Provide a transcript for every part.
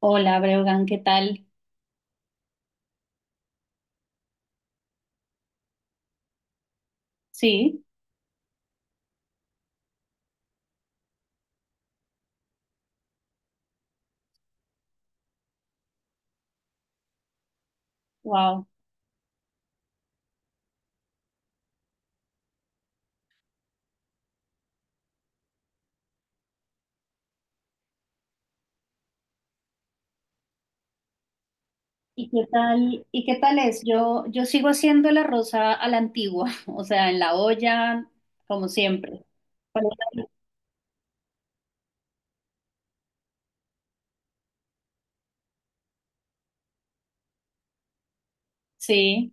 Hola, Breugan, ¿qué tal? Sí, wow. ¿Y qué tal? ¿Y qué tal es? Yo sigo haciendo el arroz a la antigua, o sea, en la olla, como siempre. ¿Cuál es la- Sí,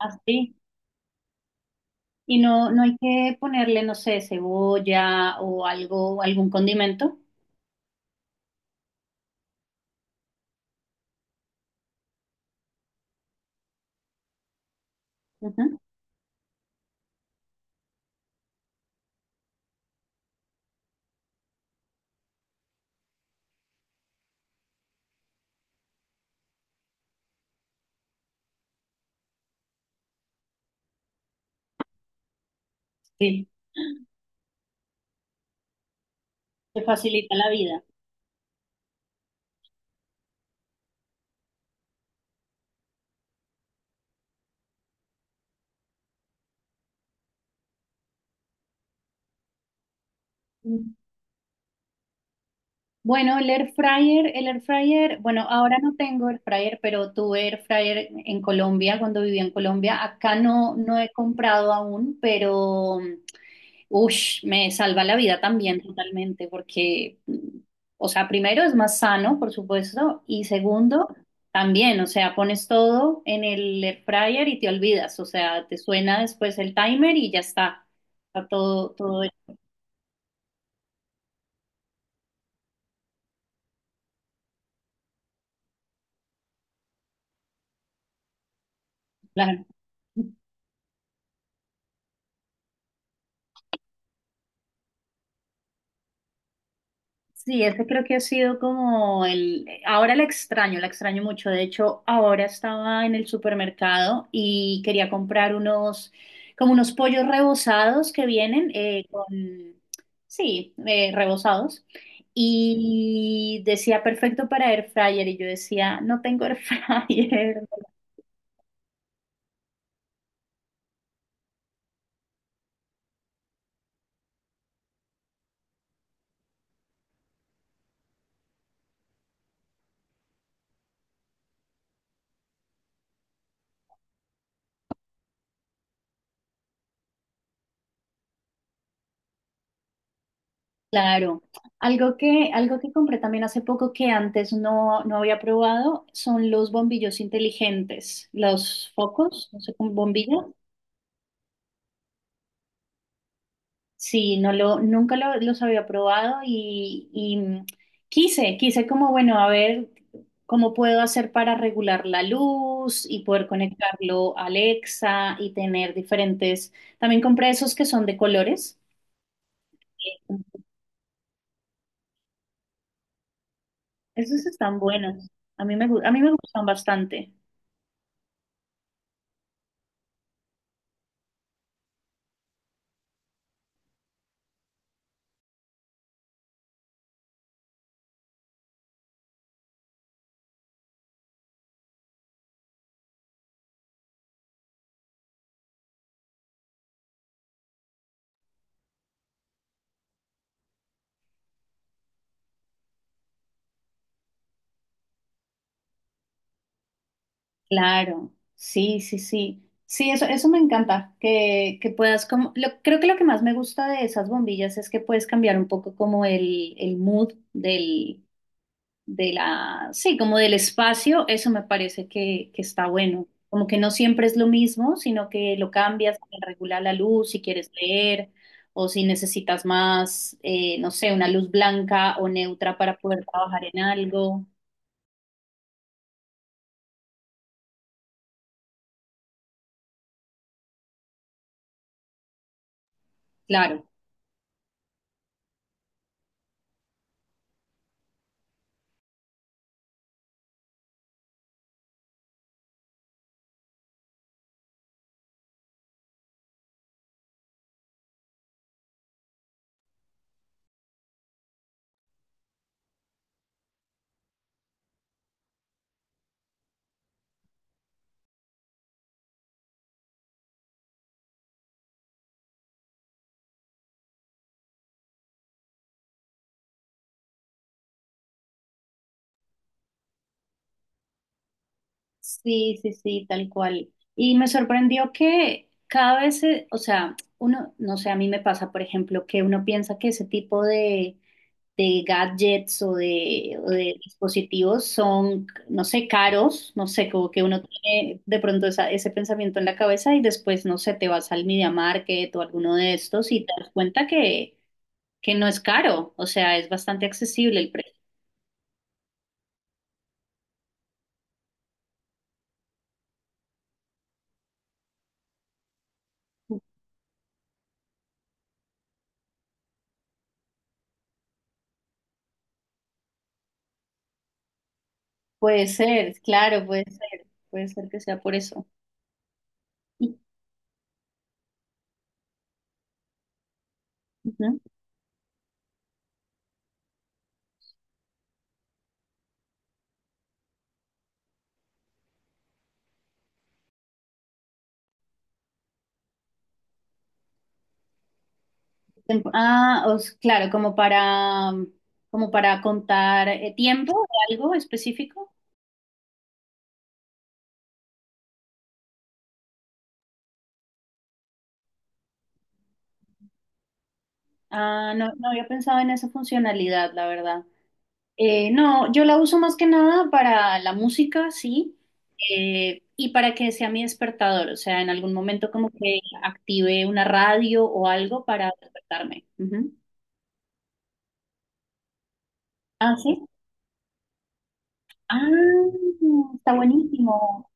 así. Y no, no hay que ponerle, no sé, cebolla o algo, algún condimento. Ujú. Sí, te facilita la vida. Bueno, el air fryer, bueno, ahora no tengo air fryer, pero tuve air fryer en Colombia cuando vivía en Colombia. Acá no, no he comprado aún, pero ush, me salva la vida también totalmente, porque, o sea, primero es más sano, por supuesto, y segundo, también, o sea, pones todo en el air fryer y te olvidas, o sea, te suena después el timer y ya está, está todo, todo hecho, claro. Sí, ese creo que ha sido como el… Ahora la extraño mucho. De hecho, ahora estaba en el supermercado y quería comprar unos, como unos pollos rebozados que vienen con… Sí, rebozados. Y decía perfecto para air fryer y yo decía, no tengo air fryer. Claro, algo que compré también hace poco que antes no, no había probado son los bombillos inteligentes, los focos, no sé, con bombillas. Sí, nunca los había probado y quise, quise como, bueno, a ver cómo puedo hacer para regular la luz y poder conectarlo a Alexa y tener diferentes. También compré esos que son de colores. Esos están buenos. A mí me gustan bastante. Claro, sí, sí, sí. Sí, eso me encanta, que puedas como, creo que lo que más me gusta de esas bombillas es que puedes cambiar un poco como el mood del, de la, sí, como del espacio, eso me parece que está bueno. Como que no siempre es lo mismo, sino que lo cambias, te regula la luz si quieres leer o si necesitas más, no sé, una luz blanca o neutra para poder trabajar en algo. Claro. Sí, sí, sí, tal cual. Y me sorprendió que cada vez, o sea, uno, no sé, a mí me pasa, por ejemplo, que uno piensa que ese tipo de gadgets o de dispositivos son, no sé, caros, no sé, como que uno tiene de pronto ese pensamiento en la cabeza y después, no sé, te vas al Media Market o alguno de estos y te das cuenta que no es caro, o sea, es bastante accesible el precio. Puede ser, claro, puede ser que sea por eso. Ujú. Ah, claro, como para, como para contar tiempo de algo específico. Ah, no, no había pensado en esa funcionalidad, la verdad. No, yo la uso más que nada para la música, sí, y para que sea mi despertador, o sea, en algún momento como que active una radio o algo para despertarme. Ujú. Ah, sí. Ah, está buenísimo.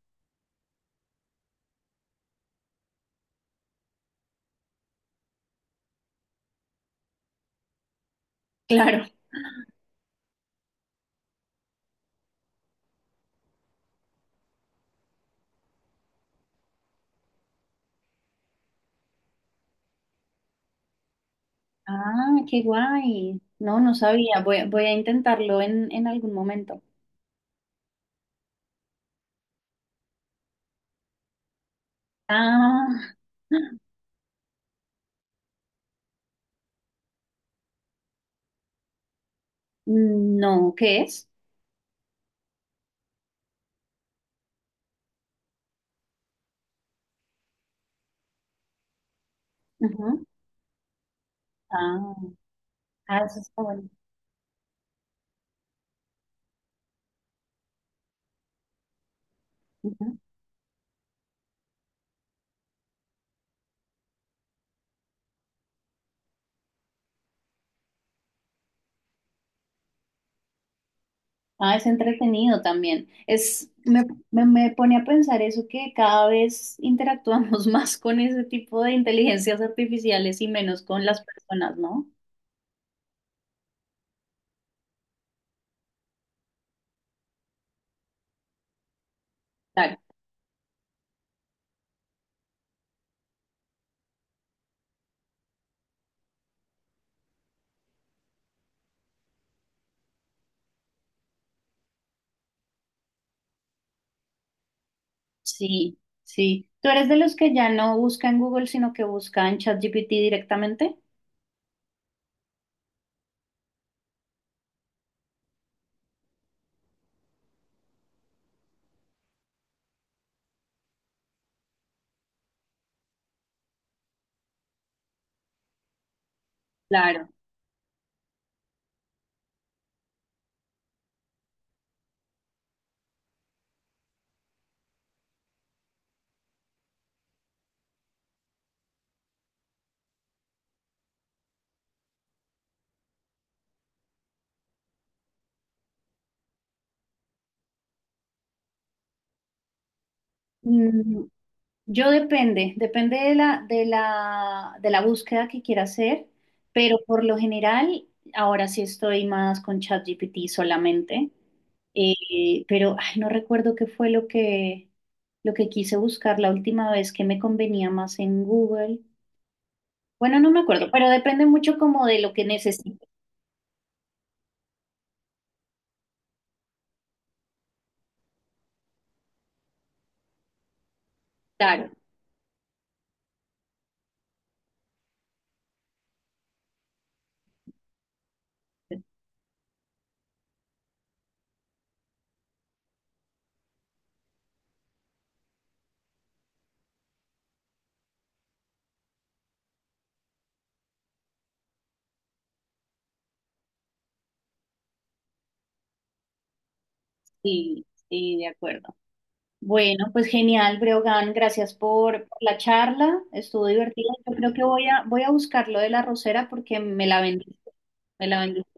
Claro. Ah, qué guay. No, no sabía. Voy a intentarlo en algún momento. Ah, no, ¿qué es? Ujú. Ah, ah, eso está bueno. Ujú. Ah, es entretenido también. Me pone a pensar eso que cada vez interactuamos más con ese tipo de inteligencias artificiales y menos con las personas, ¿no? Claro. Sí, sí. ¿Tú eres de los que ya no busca en Google, sino que busca en ChatGPT directamente? Claro. Mm, yo depende, depende de la, de la, de la búsqueda que quiera hacer, pero por lo general, ahora sí estoy más con ChatGPT solamente, pero ay, no recuerdo qué fue lo que quise buscar la última vez que me convenía más en Google. Bueno, no me acuerdo, pero depende mucho como de lo que necesite. Claro, sí, sí, de acuerdo. Bueno, pues genial, Breogán, gracias por la charla, estuvo divertida. Yo creo que voy a buscar lo de la rosera porque me la vendiste, me la vendiste.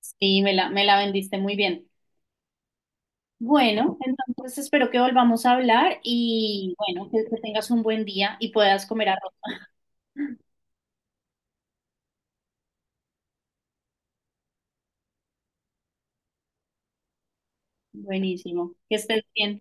Sí, me la vendiste muy bien. Bueno, entonces espero que volvamos a hablar y bueno, que tengas un buen día y puedas comer arroz. Buenísimo, que estés bien.